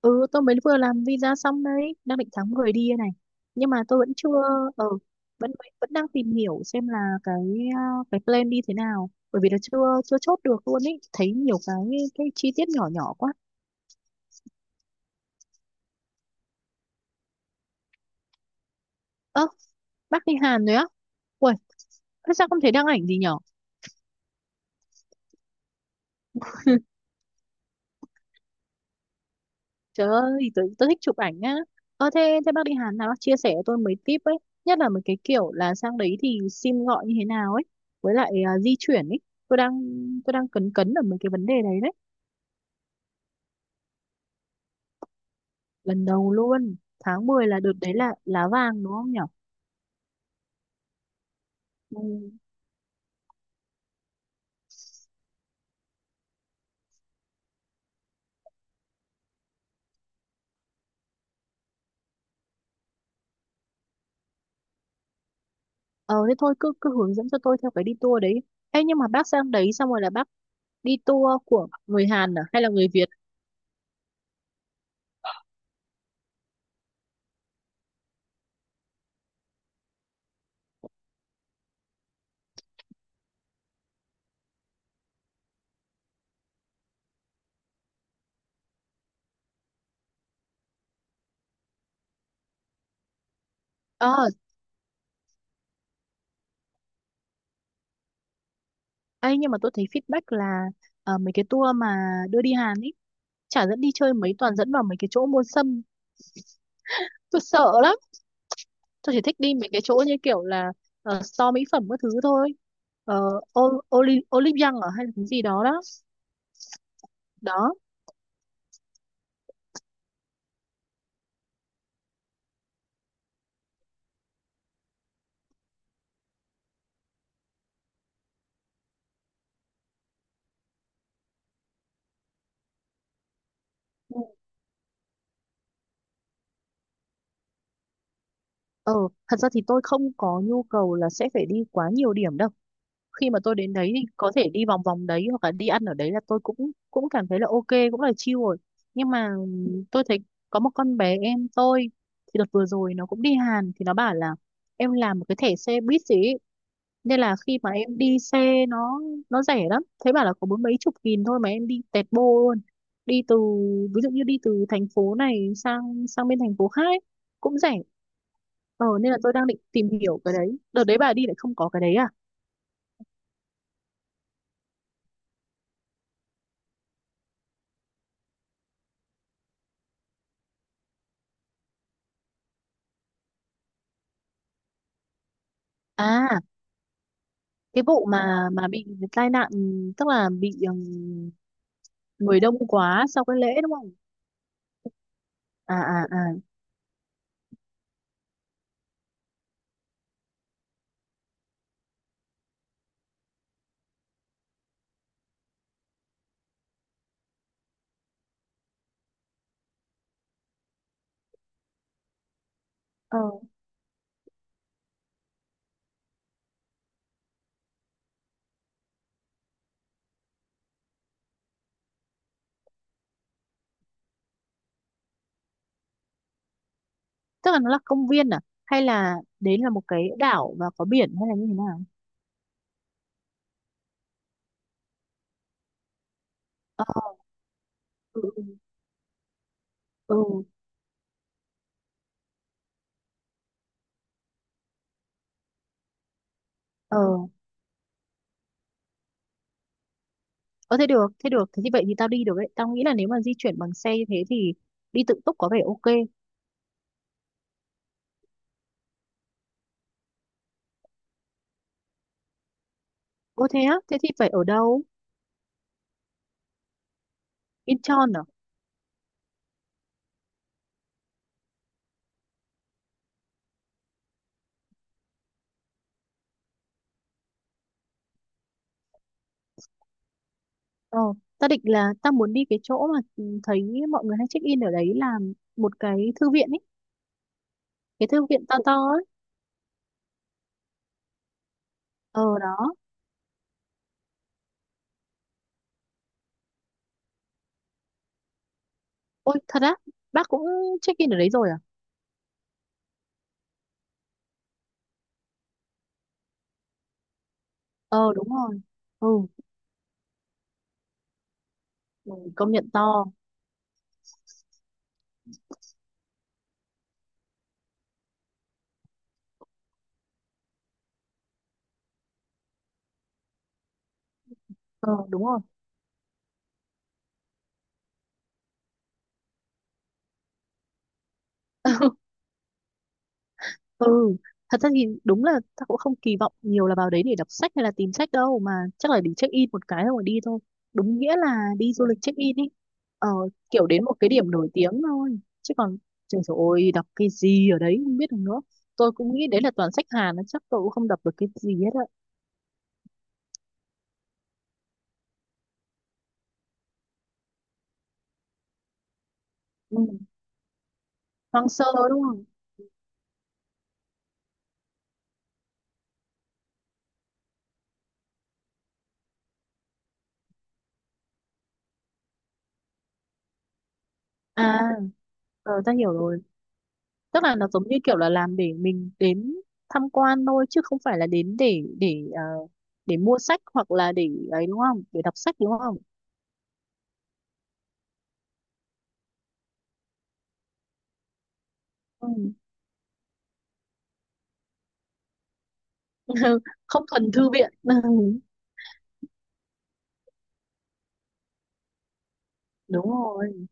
Ừ, tôi mới vừa làm visa xong đấy, đang định tháng 10 đi đây này. Nhưng mà tôi vẫn chưa, ờ vẫn vẫn đang tìm hiểu xem là cái, à, cái plan đi thế nào, bởi vì là chưa chưa chốt được luôn ý, thấy nhiều cái chi tiết nhỏ nhỏ quá. Ơ, bác đi Hàn rồi á? Ui, thế sao không thấy đăng ảnh gì nhở? Trời ơi, tôi thích chụp ảnh á. Ơ, thế thế bác đi Hàn nào bác chia sẻ cho tôi mấy tip ấy, nhất là mấy cái kiểu là sang đấy thì sim gọi như thế nào ấy, với lại di chuyển ấy. tôi đang tôi đang cấn cấn ở mấy cái vấn đề đấy đấy. Lần đầu luôn, tháng 10 là đợt đấy là lá vàng đúng không nhở? Ừ. Ờ thế thôi, cứ cứ hướng dẫn cho tôi theo cái đi tour đấy. Ấy nhưng mà bác sang đấy xong rồi là bác đi tour của người Hàn à hay là người Việt? Ờ. Ấy nhưng mà tôi thấy feedback là, mấy cái tour mà đưa đi Hàn ý, chả dẫn đi chơi mấy, toàn dẫn vào mấy cái chỗ mua sâm. Tôi sợ lắm. Tôi chỉ thích đi mấy cái chỗ như kiểu là, store mỹ phẩm các thứ thôi. Ờ, Olive Young ở hay là cái gì đó đó. Đó. Ừ. Ờ, thật ra thì tôi không có nhu cầu là sẽ phải đi quá nhiều điểm đâu. Khi mà tôi đến đấy thì có thể đi vòng vòng đấy hoặc là đi ăn ở đấy là tôi cũng cũng cảm thấy là ok, cũng là chill rồi. Nhưng mà tôi thấy có một con bé em tôi thì đợt vừa rồi nó cũng đi Hàn thì nó bảo là em làm một cái thẻ xe buýt gì ấy. Nên là khi mà em đi xe nó rẻ lắm. Thế bảo là có bốn mấy chục nghìn thôi mà em đi tẹt bô luôn. Đi từ, ví dụ như đi từ thành phố này sang sang bên thành phố khác ấy, cũng rẻ. Ờ nên là tôi đang định tìm hiểu cái đấy. Đợt đấy bà đi lại không có cái đấy à? À, cái vụ mà bị tai nạn, tức là bị người đông quá sau cái lễ đúng không? À à à. Ờ, tức là nó là công viên à hay là đấy là một cái đảo và có biển hay là như thế nào? Ờ. Ừ ừ. Ừ. Ờ. Ờ, thế được, thế được. Thế thì vậy thì tao đi được đấy. Tao nghĩ là nếu mà di chuyển bằng xe như thế thì đi tự túc có vẻ ok. Ô thế á, thế thì phải ở đâu? Incheon à? Ờ, ta định là ta muốn đi cái chỗ mà thấy mọi người hay check in ở đấy là một cái thư viện ấy, cái thư viện to to ấy. Ờ đó. Ôi thật á, bác cũng check in ở đấy rồi à? Ờ đúng rồi. Ừ, ừ, công nhận to. Ờ đúng rồi. Ừ, thật ra thì đúng là ta cũng không kỳ vọng nhiều là vào đấy để đọc sách hay là tìm sách đâu, mà chắc là để check in một cái rồi đi thôi. Đúng nghĩa là đi du lịch check in ý. Ờ, kiểu đến một cái điểm nổi tiếng thôi. Chứ còn trời ơi, đọc cái gì ở đấy không biết được nữa. Tôi cũng nghĩ đấy là toàn sách Hàn, nó chắc tôi cũng không đọc được cái gì hết ạ. Ừ. Hoang sơ đúng không? À, ta hiểu rồi. Tức là nó giống như kiểu là làm để mình đến tham quan thôi chứ không phải là đến để để mua sách hoặc là để ấy đúng không, để đọc sách đúng không? Ừ. Không thuần thư viện. Đúng rồi.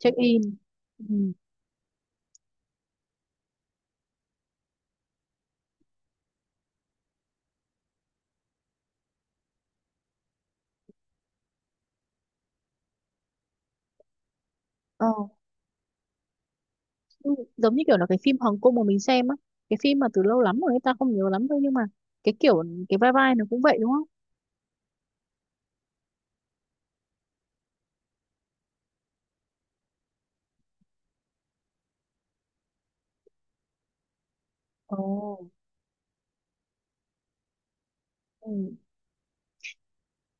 Check in. Ừ. Ờ. Ừ, giống như kiểu là cái phim Hồng Kông mà mình xem á, cái phim mà từ lâu lắm rồi người ta không nhớ lắm thôi, nhưng mà cái kiểu, cái vai vai nó cũng vậy đúng không? Ồ. Ừ.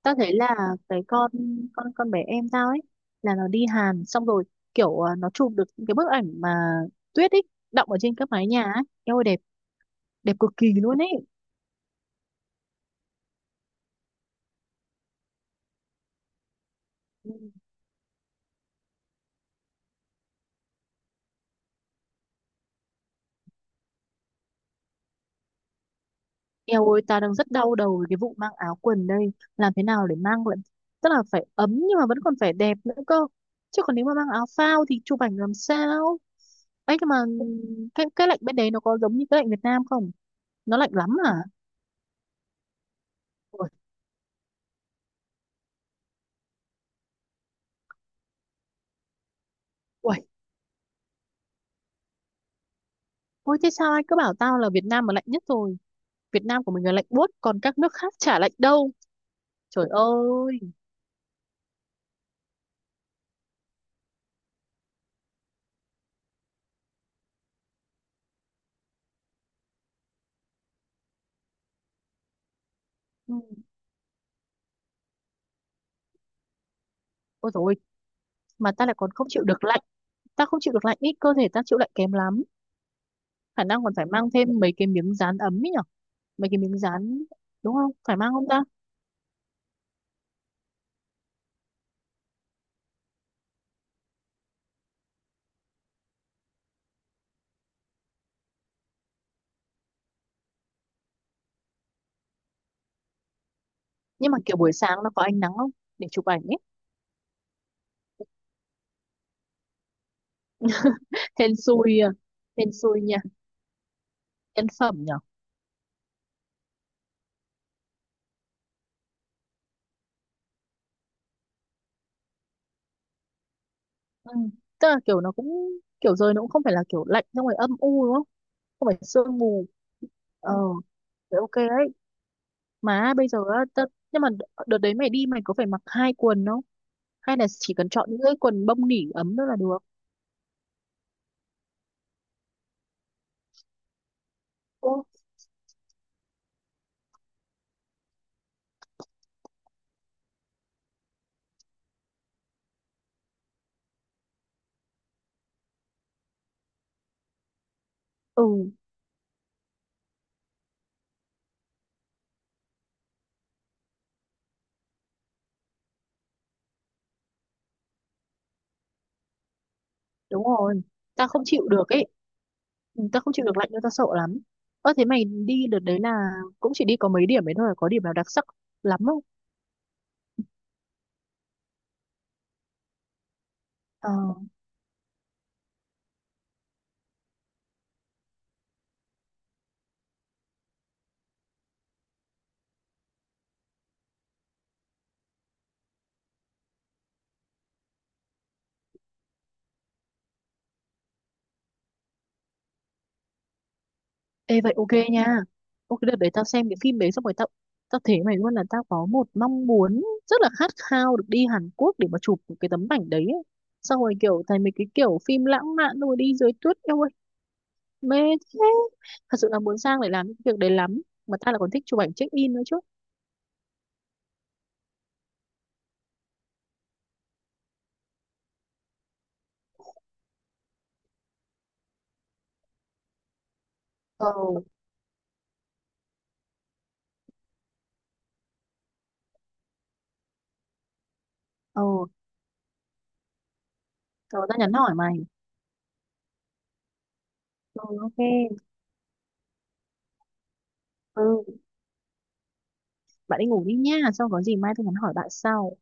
Tao thấy là cái con con bé em tao ấy là nó đi Hàn xong rồi kiểu nó chụp được những cái bức ảnh mà tuyết ấy đọng ở trên các mái nhà ấy, eo ơi đẹp, đẹp cực kỳ luôn ấy. Ừ. Eo ơi, tao đang rất đau đầu với cái vụ mang áo quần đây. Làm thế nào để mang lại, tức là phải ấm nhưng mà vẫn còn phải đẹp nữa cơ, chứ còn nếu mà mang áo phao thì chụp ảnh làm sao. Ấy nhưng mà cái lạnh bên đấy nó có giống như cái lạnh Việt Nam không? Nó lạnh lắm à? Ui. Ui, ôi thế sao ai cứ bảo tao là Việt Nam mà lạnh nhất rồi, Việt Nam của mình là lạnh buốt còn các nước khác chả lạnh đâu. Trời ơi. Ừ. Ôi dồi ôi, mà ta lại còn không chịu được lạnh. Ta không chịu được lạnh, ít cơ thể ta chịu lạnh kém lắm. Khả năng còn phải mang thêm mấy cái miếng dán ấm ấy nhở. Mấy cái miếng dán, đúng không, phải mang không ta? Nhưng mà kiểu buổi sáng nó có ánh nắng không, để chụp ảnh ấy. Hên xui à. Hên xui nha. Nhân phẩm nhở. Ừ. Tức là kiểu nó cũng, kiểu rồi nó cũng không phải là kiểu lạnh xong rồi âm u đúng không, không phải sương mù. Ờ thế ok đấy. Mà bây giờ á, tớ, nhưng mà đợt đấy mày đi mày có phải mặc hai quần không? Hay là chỉ cần chọn những cái quần bông nỉ ấm thôi là được? Ô. Ừ, đúng rồi. Ta không chịu được ấy. Ừ, ta không chịu được lạnh đâu, ta sợ lắm. Ơ thế mày đi đợt đấy là cũng chỉ đi có mấy điểm ấy thôi, có điểm nào đặc sắc lắm không? Ờ, ê vậy ok nha. Ok đợt đấy tao xem cái phim đấy xong rồi tao tao thấy mày luôn là tao có một mong muốn rất là khát khao được đi Hàn Quốc để mà chụp cái tấm ảnh đấy ấy. Xong rồi kiểu thấy mấy cái kiểu phim lãng mạn rồi đi dưới tuyết, eo mê. Thế thật sự là muốn sang để làm những việc đấy lắm, mà tao lại còn thích chụp ảnh check in nữa chứ. Ồ, ồ, cậu đã nhắn hỏi mày. Rồi ok. Ừ, bạn đi ngủ đi nha, xong có gì mai tôi nhắn hỏi bạn sau.